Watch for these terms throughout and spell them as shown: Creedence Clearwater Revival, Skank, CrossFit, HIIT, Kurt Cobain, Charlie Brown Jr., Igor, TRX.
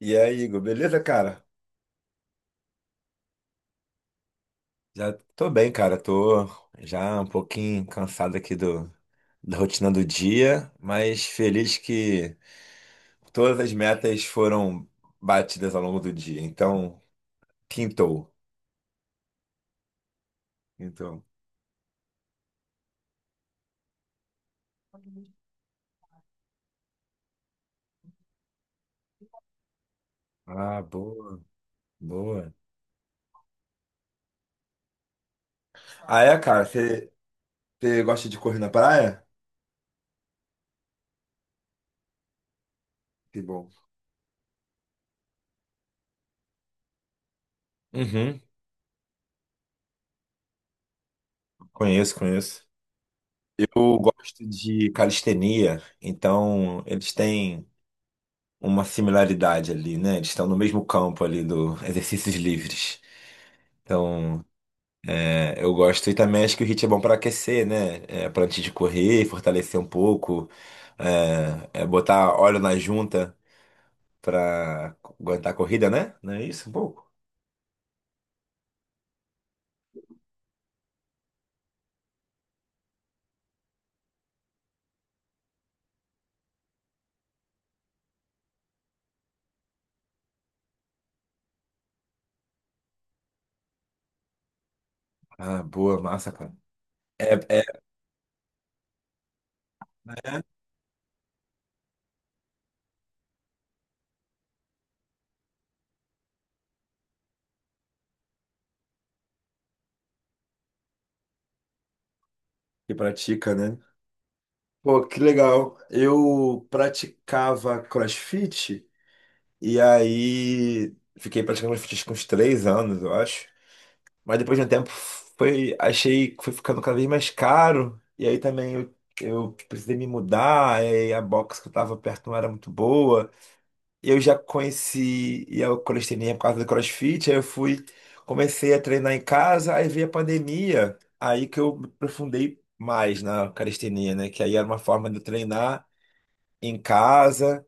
E aí, Igor, beleza, cara? Já tô bem, cara. Tô já um pouquinho cansado aqui da rotina do dia, mas feliz que todas as metas foram batidas ao longo do dia. Então, quintou. Então. Ah, boa, boa. Ah, é, cara? Você gosta de correr na praia? Que bom. Uhum, conheço, conheço. Eu gosto de calistenia, então eles têm uma similaridade ali, né? Eles estão no mesmo campo ali do exercícios livres. Então, é, eu gosto e também acho que o HIIT é bom para aquecer, né? É, para antes de correr, fortalecer um pouco, é botar óleo na junta para aguentar a corrida, né? Não é isso? Um pouco. Ah, boa, massa, cara. É, é, né? Que pratica, né? Pô, que legal. Eu praticava CrossFit e aí fiquei praticando CrossFit com uns 3 anos, eu acho. Mas depois de um tempo foi, achei que foi ficando cada vez mais caro. E aí também eu precisei me mudar, aí a box que eu tava perto não era muito boa. E eu já conheci e a calistenia por causa do CrossFit, aí eu fui, comecei a treinar em casa, aí veio a pandemia, aí que eu me aprofundei mais na calistenia, né? Que aí era uma forma de eu treinar em casa.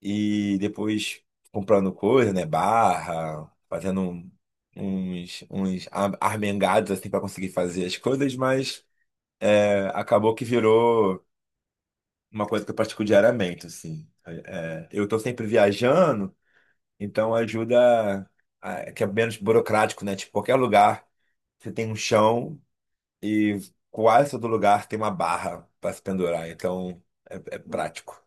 E depois comprando coisa, né? Barra, fazendo uns armengados assim para conseguir fazer as coisas, mas é, acabou que virou uma coisa que eu pratico diariamente, assim. Eu tô sempre viajando, então ajuda que é menos burocrático, né? Tipo, qualquer lugar você tem um chão e quase todo lugar tem uma barra para se pendurar, então é prático.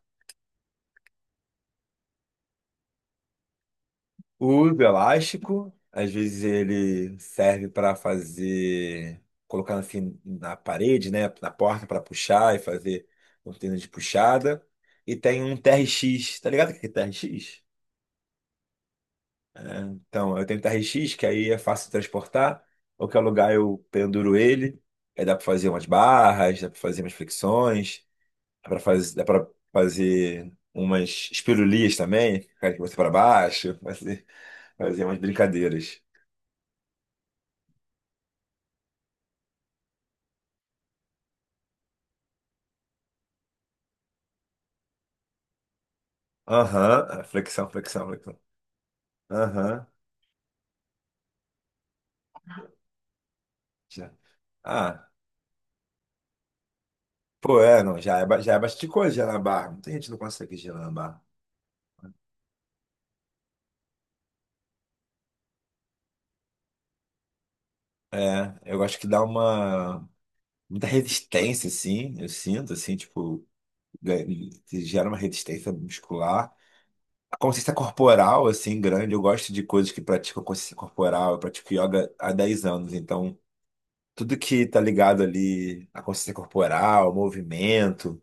Uso elástico, às vezes ele serve para fazer, colocar assim na parede, né, na porta para puxar e fazer cortina de puxada. E tem um TRX, tá ligado o que é TRX? Então, eu tenho TRX, que aí é fácil de transportar, qualquer lugar eu penduro ele, aí dá para fazer umas barras, dá para fazer umas flexões, dá para fazer umas espirulias também, ficar de cabeça para baixo, fazer, fazer umas brincadeiras. Aham, ah, flexão, flexão, flexão. Aham, já. Ah, pô, é, não, já é, já é bastante coisa girar na barra. Muita gente não consegue girar na barra. É, eu acho que dá uma, muita resistência, assim, eu sinto, assim, tipo, ga- gera uma resistência muscular. A consciência corporal, assim, grande, eu gosto de coisas que praticam consciência corporal, eu pratico yoga há 10 anos, então, tudo que tá ligado ali à consciência corporal, ao movimento,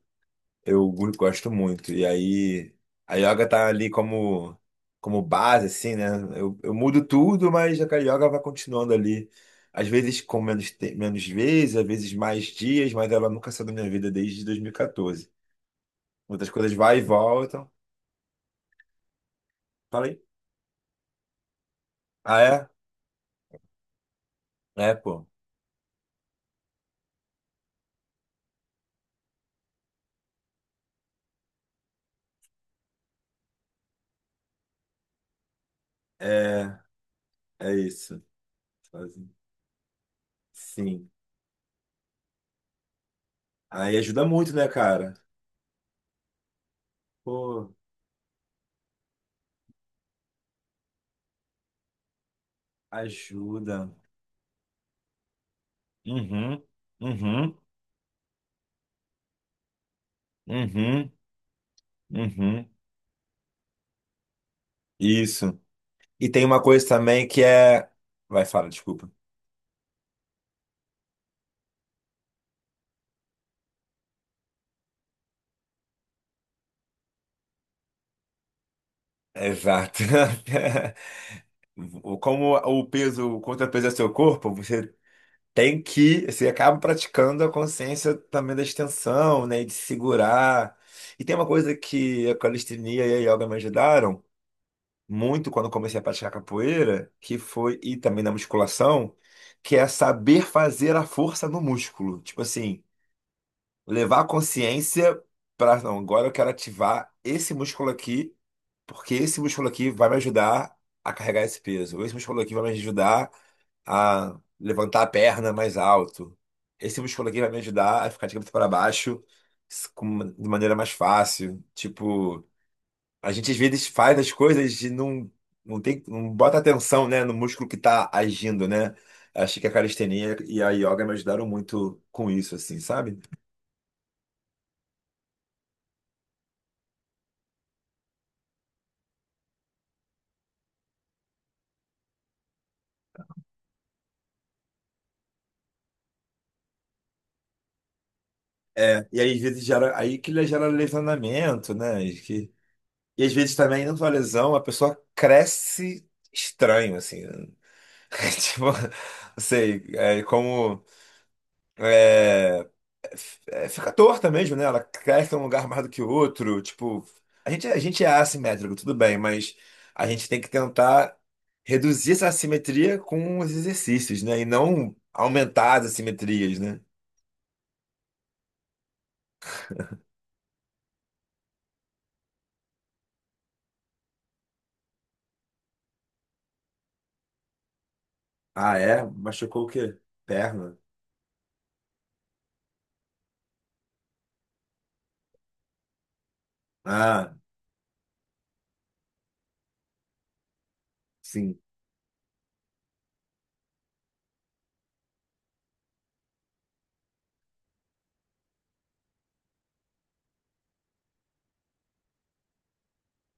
eu gosto muito. E aí a yoga tá ali como, como base, assim, né? Eu mudo tudo, mas a yoga vai continuando ali. Às vezes com menos, menos vezes, às vezes mais dias, mas ela nunca saiu da minha vida desde 2014. Muitas coisas vai e voltam. Falei. Ah, é? É, pô. É, é isso. Sozinho. Sim. Aí ajuda muito, né, cara? Pô, ajuda. Uhum, uhum, uhum, uhum. Isso. E tem uma coisa também que é. Vai, fala, desculpa. Exato. Como o peso, o contrapeso é seu corpo, você tem que, você acaba praticando a consciência também da extensão, né? E de segurar. E tem uma coisa que a calistenia e a yoga me ajudaram muito quando eu comecei a praticar capoeira, que foi, e também na musculação, que é saber fazer a força no músculo. Tipo assim, levar a consciência para, não, agora eu quero ativar esse músculo aqui. Porque esse músculo aqui vai me ajudar a carregar esse peso. Esse músculo aqui vai me ajudar a levantar a perna mais alto. Esse músculo aqui vai me ajudar a ficar de cabeça para baixo de maneira mais fácil. Tipo, a gente às vezes faz as coisas e não, não tem, não bota atenção, né, no músculo que tá agindo, né? Achei que a calistenia e a yoga me ajudaram muito com isso, assim, sabe? É, e aí às vezes gera, aí que gera lesionamento, né? E às vezes também, não só lesão, a pessoa cresce estranho, assim. né? Tipo, não sei, é como. É, é, é, fica torta mesmo, né? Ela cresce em um lugar mais do que o outro. Tipo, a gente é assimétrico, tudo bem, mas a gente tem que tentar reduzir essa assimetria com os exercícios, né? E não aumentar as assimetrias, né? Ah, é? Machucou o quê? Perna? Ah, sim.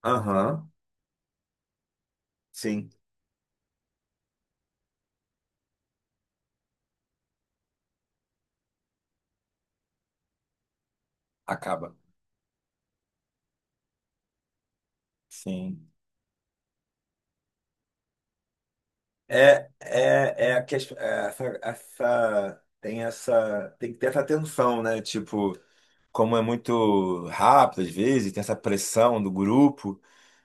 Aham, sim. Acaba. Sim. É essa, tem essa tem que ter essa tensão, né? Tipo, como é muito rápido às vezes, tem essa pressão do grupo,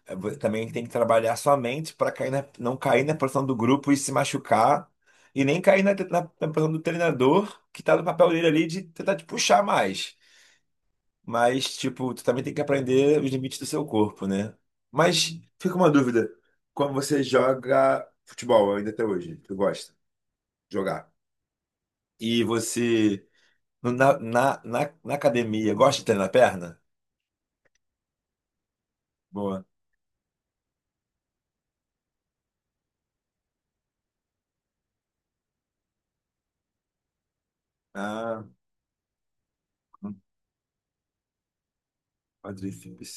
é, também tem que trabalhar sua mente para não cair na pressão do grupo e se machucar, e nem cair na pressão do treinador, que tá no papel dele ali de tentar te puxar mais. Mas, tipo, tu também tem que aprender os limites do seu corpo, né? Mas fica uma dúvida, quando você joga futebol ainda até hoje, tu gosta? Jogar. E você, na academia, gosta de treinar a perna? Boa. Ah, hum, quadríceps.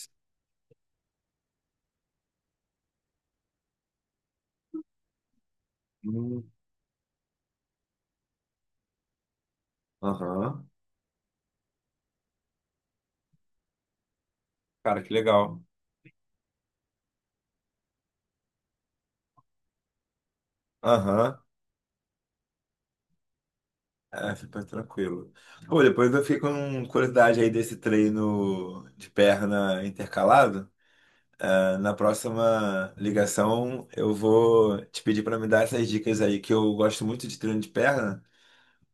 Hum, Aham. Cara, que legal. Aham. É, fica tranquilo. Pô, depois eu fiquei com curiosidade aí desse treino de perna intercalado. Ah, na próxima ligação, eu vou te pedir para me dar essas dicas aí, que eu gosto muito de treino de perna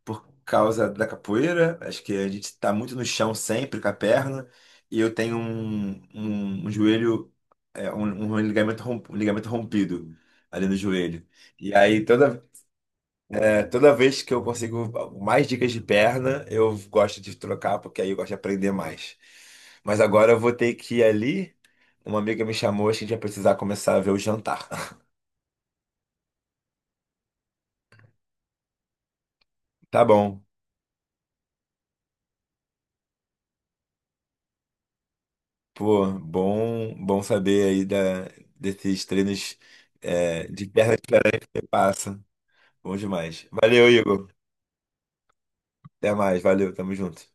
por causa da capoeira. Acho que a gente está muito no chão sempre com a perna. E eu tenho um joelho, é, um ligamento, um ligamento rompido ali no joelho. E aí toda vez que eu consigo mais dicas de perna, eu gosto de trocar, porque aí eu gosto de aprender mais. Mas agora eu vou ter que ir ali. Uma amiga me chamou, acho que a gente vai precisar começar a ver o jantar. Tá bom. Pô, bom, bom saber aí desses treinos de terra diferente que você passa. Bom demais. Valeu, Igor. Até mais. Valeu, tamo junto.